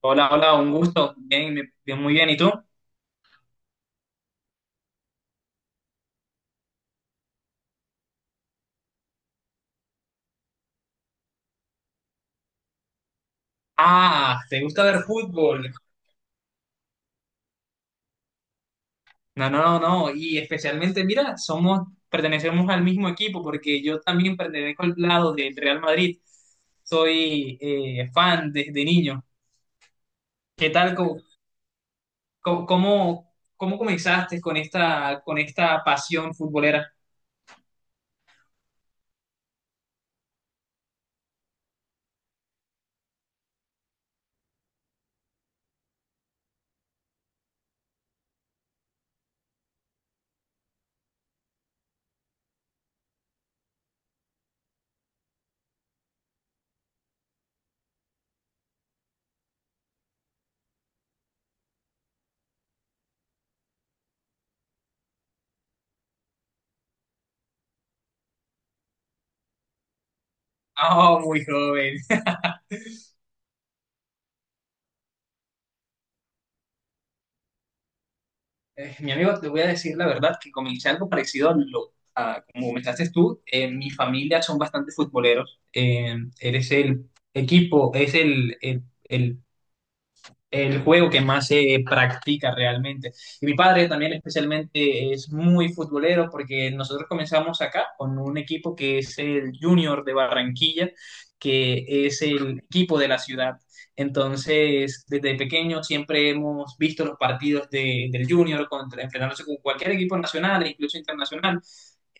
Hola, hola, un gusto. Bien, bien, muy bien. ¿Y tú? Ah, ¿te gusta ver fútbol? No, no, no, no. Y especialmente, mira, somos, pertenecemos al mismo equipo porque yo también pertenezco al lado del Real Madrid. Soy fan desde niño. ¿Qué tal? Cómo, cómo- cómo comenzaste con esta pasión futbolera? Oh, muy joven. Mi amigo, te voy a decir la verdad que comencé algo parecido a como comenzaste tú. Mi familia son bastante futboleros. Eres el equipo, es el juego que más se practica realmente. Y mi padre también especialmente es muy futbolero porque nosotros comenzamos acá con un equipo que es el Junior de Barranquilla, que es el equipo de la ciudad. Entonces, desde pequeño siempre hemos visto los partidos del Junior contra, enfrentándose con cualquier equipo nacional e incluso internacional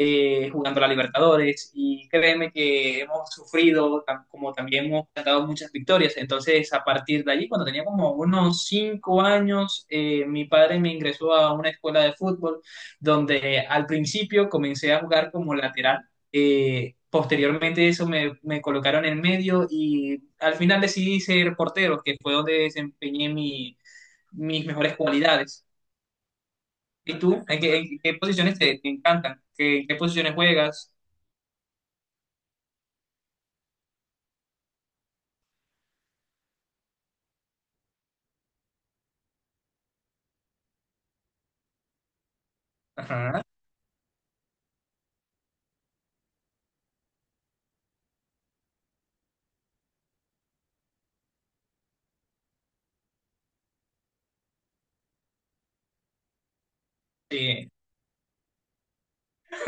jugando la Libertadores, y créeme que hemos sufrido, como también hemos cantado muchas victorias. Entonces, a partir de allí, cuando tenía como unos 5 años, mi padre me ingresó a una escuela de fútbol donde al principio comencé a jugar como lateral. Posteriormente eso me colocaron en medio y al final decidí ser portero, que fue donde desempeñé mis mejores cualidades. ¿Y tú? En qué posiciones te encantan? ¿Qué posiciones juegas? Ajá, sí.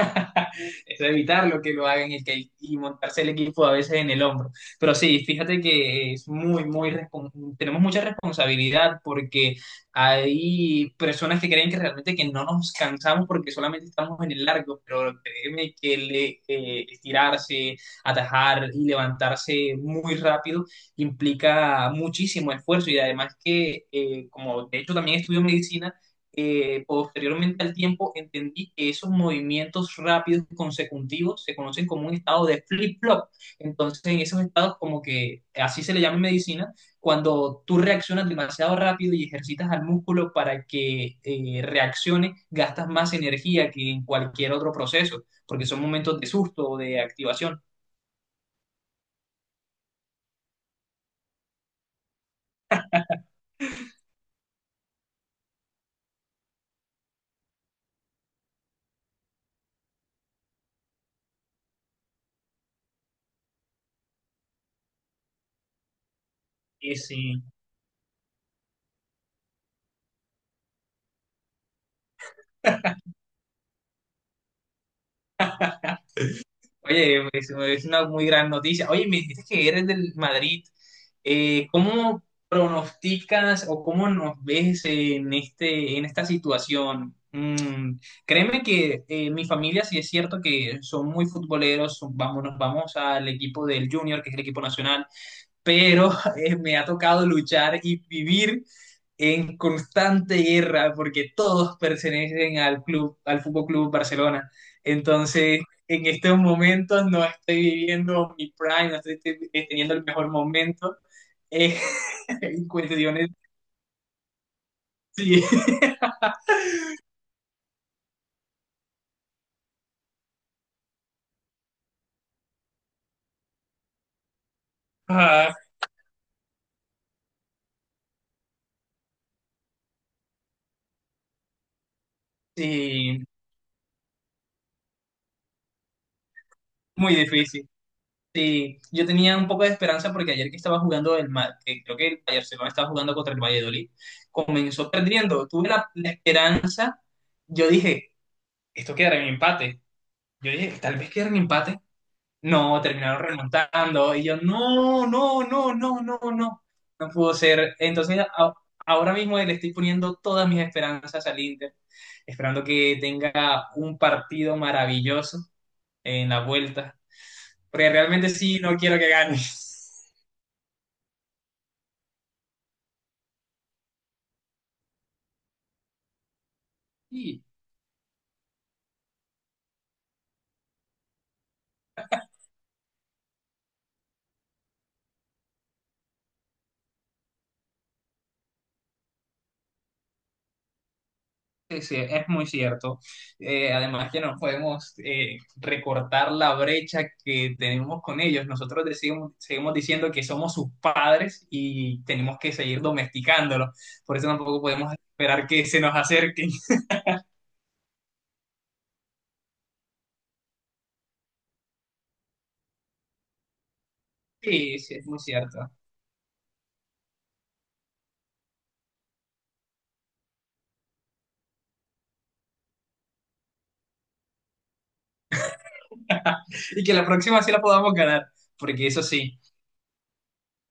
Es evitar lo que lo hagan y, que- y montarse el equipo a veces en el hombro. Pero sí, fíjate que es muy, muy, tenemos mucha responsabilidad porque hay personas que creen que realmente que no nos cansamos porque solamente estamos en el largo, pero créeme que le, estirarse, atajar y levantarse muy rápido implica muchísimo esfuerzo y además que, como de hecho también estudio medicina, posteriormente al tiempo entendí que esos movimientos rápidos consecutivos se conocen como un estado de flip-flop. Entonces, en esos estados, como que así se le llama en medicina, cuando tú reaccionas demasiado rápido y ejercitas al músculo para que reaccione, gastas más energía que en cualquier otro proceso, porque son momentos de susto o de activación. Sí. Oye, pues, es una muy gran noticia. Oye, me dijiste que eres del Madrid. ¿Cómo pronosticas o cómo nos ves en este, en esta situación? Créeme que mi familia sí es cierto que son muy futboleros, vamos, nos vamos al equipo del Junior, que es el equipo nacional, pero me ha tocado luchar y vivir en constante guerra porque todos pertenecen al club, al Fútbol Club Barcelona. Entonces, en estos momentos no estoy viviendo no estoy teniendo el mejor momento eh, en cuestiones sí, ah, sí, muy difícil. Sí, yo tenía un poco de esperanza porque ayer que estaba jugando que creo que el Barcelona estaba jugando contra el Valladolid, comenzó perdiendo. Tuve la esperanza, yo dije, esto quedará en empate. Yo dije, tal vez quedará en empate. No, terminaron remontando. Y yo, no, no, no, no, no, no. No pudo ser. Entonces, ahora mismo le estoy poniendo todas mis esperanzas al Inter, esperando que tenga un partido maravilloso en la vuelta, porque realmente sí, no quiero que gane. Sí, sí, sí, es muy cierto. Además que no podemos recortar la brecha que tenemos con ellos. Nosotros decimos- seguimos diciendo que somos sus padres y tenemos que seguir domesticándolos. Por eso tampoco podemos esperar que se nos acerquen. Sí, sí, es muy cierto. Y que la próxima sí la podamos ganar, porque eso sí.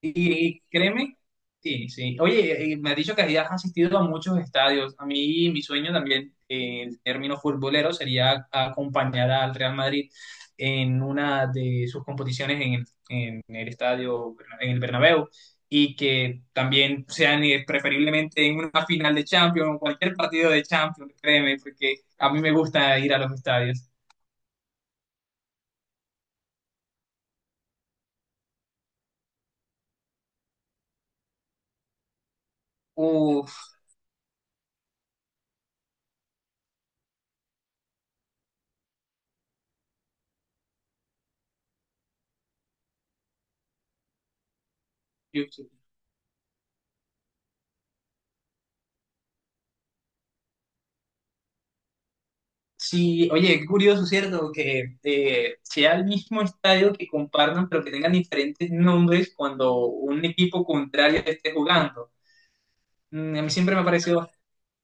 Y créeme, sí, sí. Oye, me has dicho que has asistido a muchos estadios. A mí, mi sueño también, en términos futboleros, sería acompañar al Real Madrid en una de sus competiciones en el estadio, en el Bernabéu, y que también sean preferiblemente en una final de Champions, en cualquier partido de Champions, créeme, porque a mí me gusta ir a los estadios. Uf. Sí, oye, qué curioso, ¿cierto? Que sea el mismo estadio que compartan, pero que tengan diferentes nombres cuando un equipo contrario esté jugando. A mí siempre me ha parecido,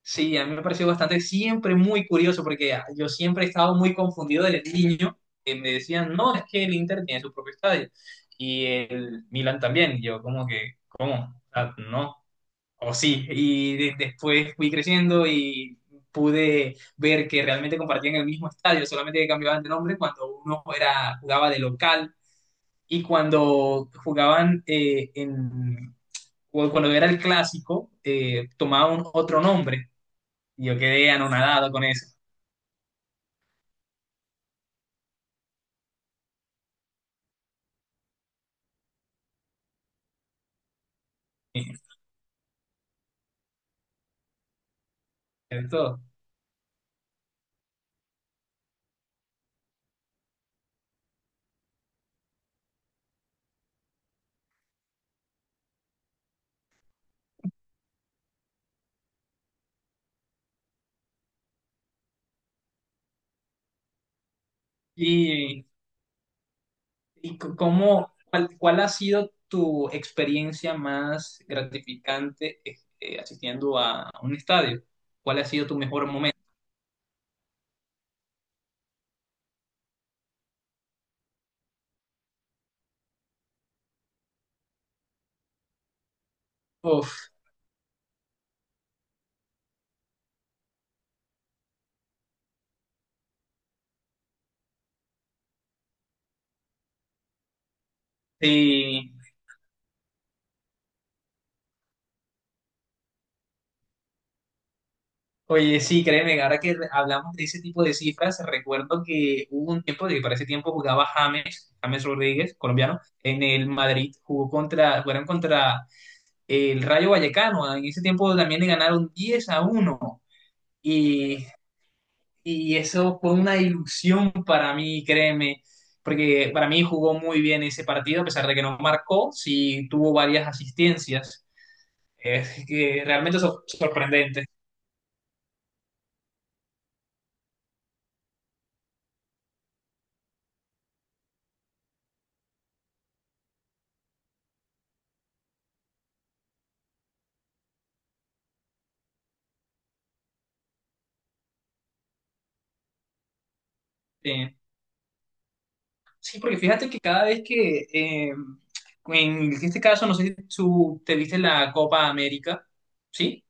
sí, a mí me ha parecido bastante, siempre muy curioso, porque yo siempre he estado muy confundido desde niño, que me decían, no, es que el Inter tiene su propio estadio, y el Milan también, y yo como que, ¿cómo? O sea, no. O sí, y después fui creciendo y pude ver que realmente compartían el mismo estadio, solamente que cambiaban de nombre cuando uno era, jugaba de local y cuando jugaban o cuando era el clásico, tomaban otro nombre. Y yo quedé anonadado con eso. De todo. Y, y cuál ha sido tu experiencia más gratificante asistiendo a un estadio? ¿Cuál ha sido tu mejor momento? Uf, sí. Oye, sí, créeme, que ahora que hablamos de ese tipo de cifras, recuerdo que hubo un tiempo, de que para ese tiempo jugaba James, James Rodríguez, colombiano, en el Madrid, jugó contra, jugaron contra el Rayo Vallecano, en ese tiempo también le ganaron 10-1 y, y eso fue una ilusión para mí, créeme, porque para mí jugó muy bien ese partido, a pesar de que no marcó, sí tuvo varias asistencias, es que realmente sorprendente. Sí. Sí, porque fíjate que cada vez que, en este caso, no sé si tú te viste la Copa América, ¿sí?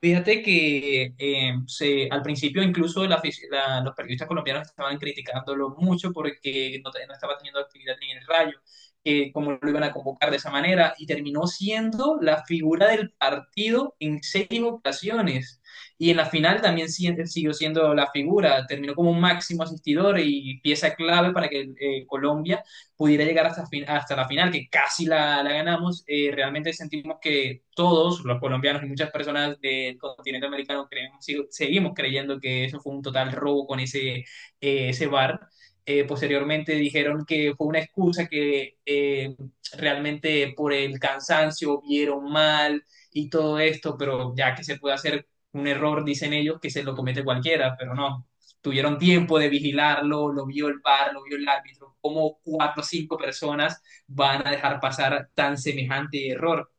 Fíjate que se, al principio incluso la los periodistas colombianos estaban criticándolo mucho porque no, no estaba teniendo actividad ni en el Rayo, cómo lo iban a convocar de esa manera, y terminó siendo la figura del partido en seis ocasiones. Y en la final también siguió siendo la figura, terminó como un máximo asistidor y pieza clave para que Colombia pudiera llegar hasta la final, que casi la ganamos, realmente sentimos que todos, los colombianos y muchas personas del continente americano, creemos, seguimos creyendo que eso fue un total robo con ese VAR. Posteriormente dijeron que fue una excusa que realmente por el cansancio vieron mal y todo esto, pero ya que se puede hacer un error, dicen ellos, que se lo comete cualquiera, pero no, tuvieron tiempo de vigilarlo, lo vio el VAR, lo vio el árbitro, cómo cuatro o cinco personas van a dejar pasar tan semejante error.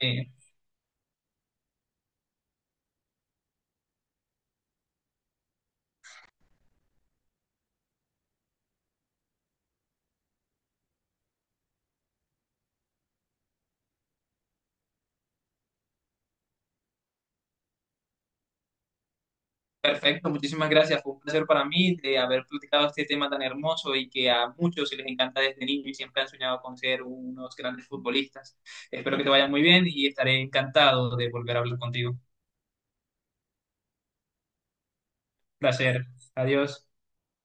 Eh, Perfecto, muchísimas gracias, fue un placer para mí de haber platicado este tema tan hermoso y que a muchos se les encanta desde niño y siempre han soñado con ser unos grandes futbolistas. Espero que te vaya muy bien y estaré encantado de volver a hablar contigo. Placer, adiós.